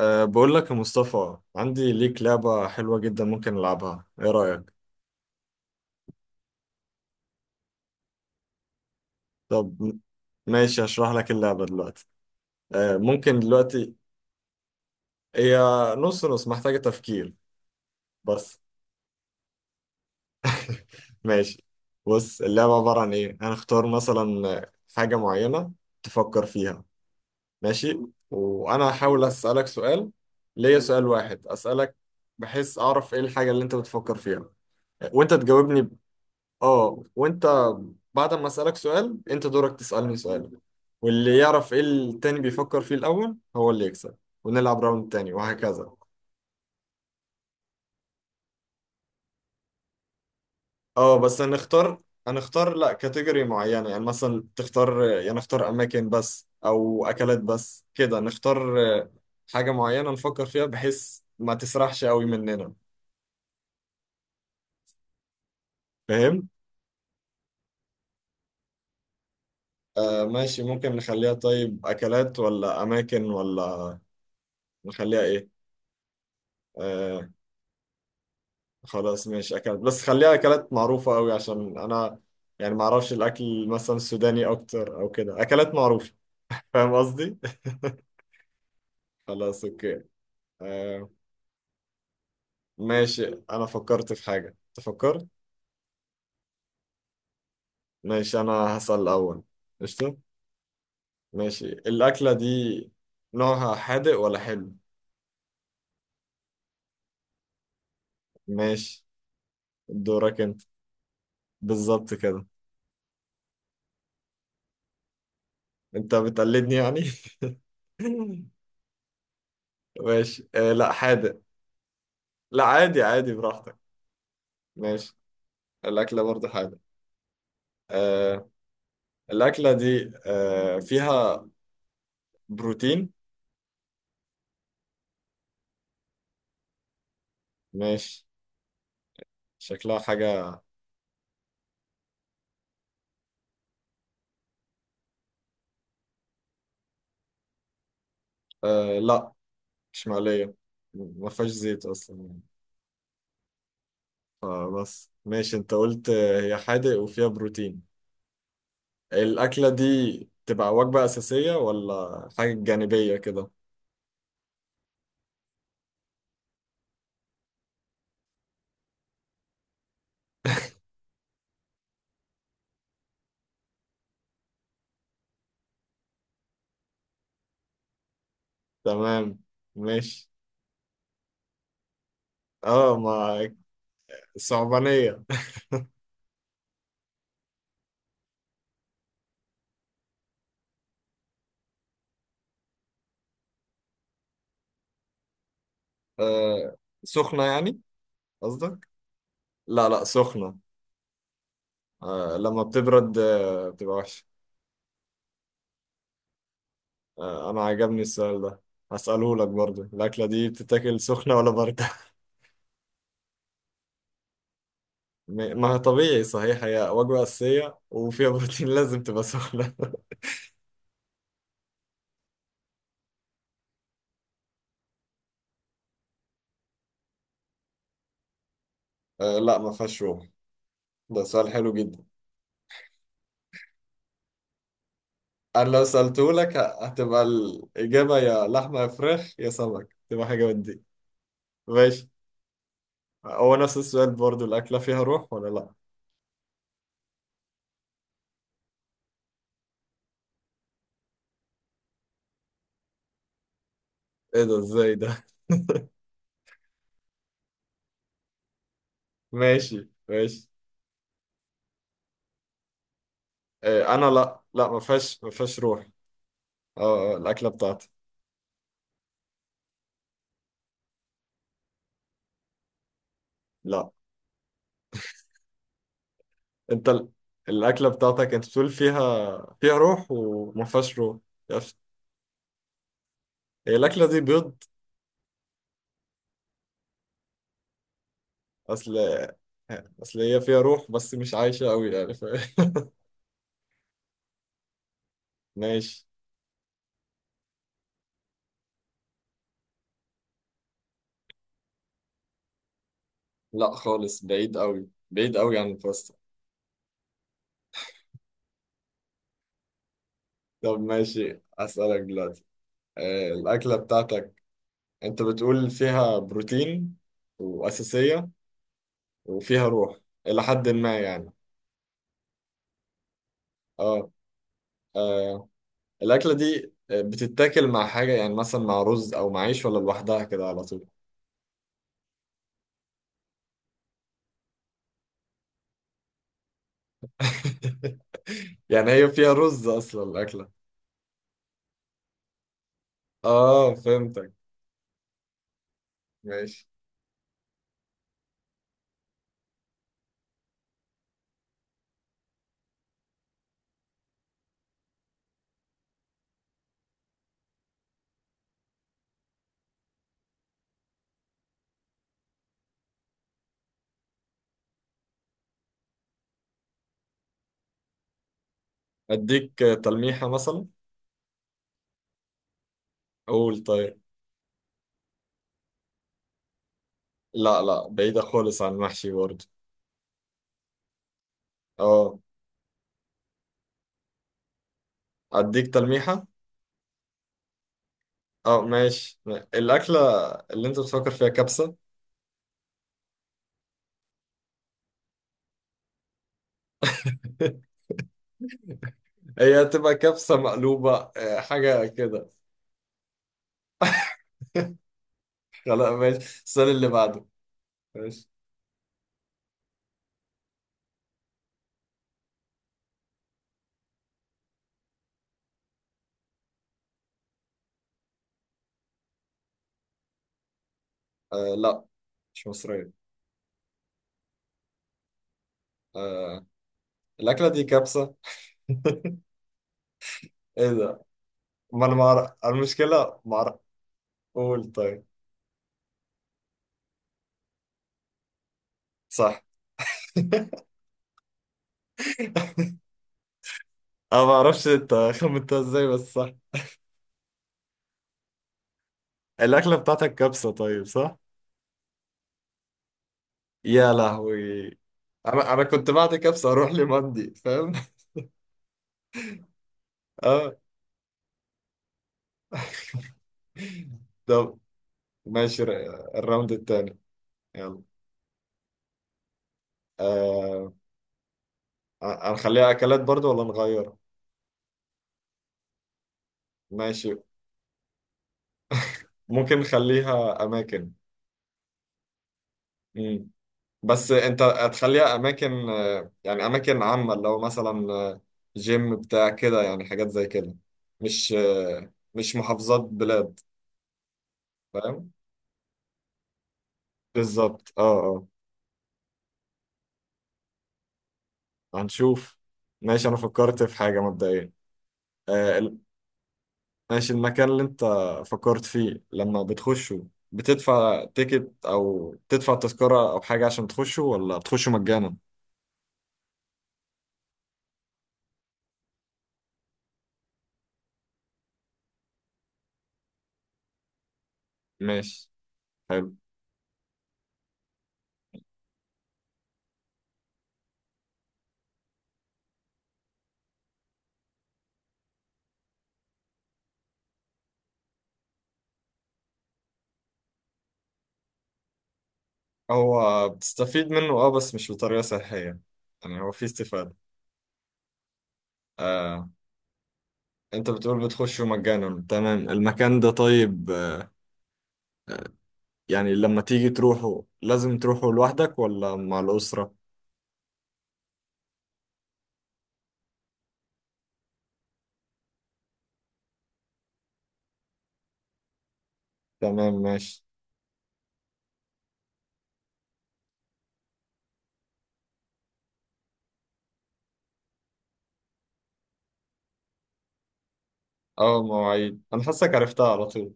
بقول لك يا مصطفى، عندي ليك لعبة حلوة جدا. ممكن نلعبها؟ ايه رأيك؟ طب ماشي، هشرح لك اللعبة دلوقتي. ممكن دلوقتي. هي نص نص، محتاجة تفكير بس. ماشي، بص، اللعبة عبارة عن ايه. هنختار مثلا حاجة معينة تفكر فيها. ماشي. وانا هحاول اسألك سؤال. ليا سؤال واحد اسألك، بحيث اعرف ايه الحاجة اللي انت بتفكر فيها، وانت تجاوبني. اه، وانت بعد ما اسالك سؤال، انت دورك تسالني سؤال. واللي يعرف ايه التاني بيفكر فيه الاول هو اللي يكسب. ونلعب راوند تاني وهكذا. اه بس هنختار لا كاتيجوري معينة، يعني مثلا تختار، يعني نختار اماكن بس او اكلات بس. كده نختار حاجة معينة نفكر فيها، بحيث ما تسرحش قوي مننا. فاهم؟ آه ماشي، ممكن نخليها طيب اكلات ولا اماكن ولا نخليها ايه؟ آه، خلاص ماشي اكلت بس، خليها اكلات معروفة قوي عشان انا يعني ما اعرفش الاكل مثلا السوداني اكتر او كده. اكلات معروفة. فاهم قصدي؟ خلاص اوكي. آه ماشي، انا فكرت في حاجة. انت فكرت؟ ماشي، انا هسأل الاول. قشطة. ماشي، الاكلة دي نوعها حادق ولا حلو؟ ماشي، دورك انت، بالظبط كده. انت بتقلدني يعني؟ ماشي، لا حادق. لا، عادي عادي، براحتك. ماشي، الاكلة برضه حادق. آه، الأكلة دي فيها بروتين. ماشي، شكلها حاجة. لا، مش مقلية. ما فيهاش زيت أصلا يعني. فبس ماشي، أنت قلت هي حادق وفيها بروتين. الأكلة دي تبقى وجبة أساسية ولا حاجة جانبية كده؟ تمام ماشي. اه ما صعبانية. آه، سخنة يعني قصدك؟ لا لا، سخنة. لما بتبرد بتبقى وحشة. انا عجبني السؤال ده. هسأله لك برضو. الأكلة دي بتتاكل سخنة ولا باردة؟ ما هي طبيعي صحيح، هي وجبة أساسية وفيها بروتين. لازم تبقى سخنة. لا ما فيهاش روم. ده سؤال حلو جدا. أنا لو سألته لك هتبقى الإجابة يا لحمة يا فراخ يا سمك، تبقى حاجة من دي. ماشي، هو نفس السؤال برضو. الأكلة فيها روح ولا لا؟ إيه ده؟ إزاي ده؟ ماشي ماشي. أنا لا لا، ما فيهاش روح. الأكلة بتاعتي. لا، انت الاكله بتاعتك، انت بتقول فيها روح وما فيهاش روح. يس. هي الاكله دي بيض؟ اصل اصل هي فيها روح بس مش عايشه قوي يعني. ماشي. لا خالص، بعيد قوي بعيد قوي عن الباستا. طب ماشي، اسالك دلوقتي. الاكله بتاعتك انت بتقول فيها بروتين واساسيه وفيها روح الى حد ما يعني. اه آه، الاكله دي بتتاكل مع حاجه، يعني مثلا مع رز او مع عيش، ولا لوحدها كده على طول؟ يعني هي فيها رز اصلا الاكله؟ اه فهمتك. ماشي، اديك تلميحه مثلا؟ قول طيب. لا لا، بعيده خالص عن المحشي برضه. اه اديك تلميحه. اه ماشي، الاكله اللي انت بتفكر فيها كبسه؟ هي هتبقى كبسه مقلوبه، حاجه كده؟ خلاص ماشي. السؤال اللي بعده. ماشي. لا، مش مصريه. آه الاكله دي كبسه؟ ايه ده؟ ما انا معرف المشكله، معرف. قول طيب. صح. أنا ما أعرفش أنت خمنتها إزاي بس صح. الأكلة بتاعتك كبسة طيب، صح؟ يا لهوي. أنا كنت بعد كبسة أروح لمندي، فاهم؟ أه. طب ماشي، الراوند التاني. يلا. أه هنخليها أكلات برضو ولا نغير؟ ماشي، ممكن نخليها أماكن. مم. بس أنت هتخليها أماكن، يعني أماكن عامة، لو مثلا جيم بتاع كده، يعني حاجات زي كده. مش مش محافظات بلاد. فاهم؟ بالظبط اه. اه هنشوف. ماشي، انا فكرت في حاجة مبدئيا. آه ال- ماشي، المكان اللي انت فكرت فيه لما بتخشه، بتدفع تيكت او تدفع تذكرة او حاجة عشان تخشه، ولا بتخشه مجانا؟ ماشي حلو. هو بتستفيد منه اه، بس مش بطريقة صحية. يعني هو في استفادة. آه انت بتقول بتخشه مجانا، تمام. المكان ده طيب يعني لما تيجي تروحه، لازم تروحه لوحدك ولا مع الأسرة؟ تمام ماشي. اه مواعيد، انا حاسك عرفتها على طول.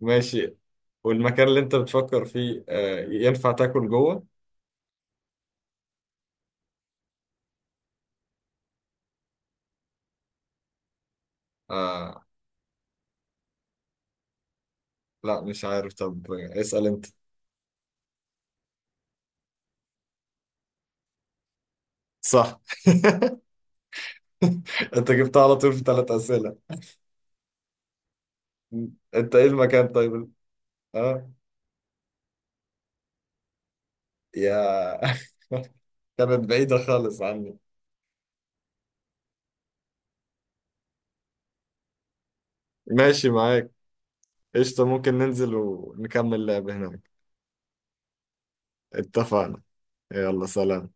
ماشي. والمكان اللي انت بتفكر فيه ينفع تاكل جوه؟ آه لا مش عارف. طب اسأل انت. صح. انت جبتها على طول في 3 أسئلة. انت ايه المكان طيب؟ اه. يا كانت بعيدة خالص عني. ماشي معاك. قشطة، ممكن ننزل ونكمل لعب هناك. اتفقنا. يلا سلام.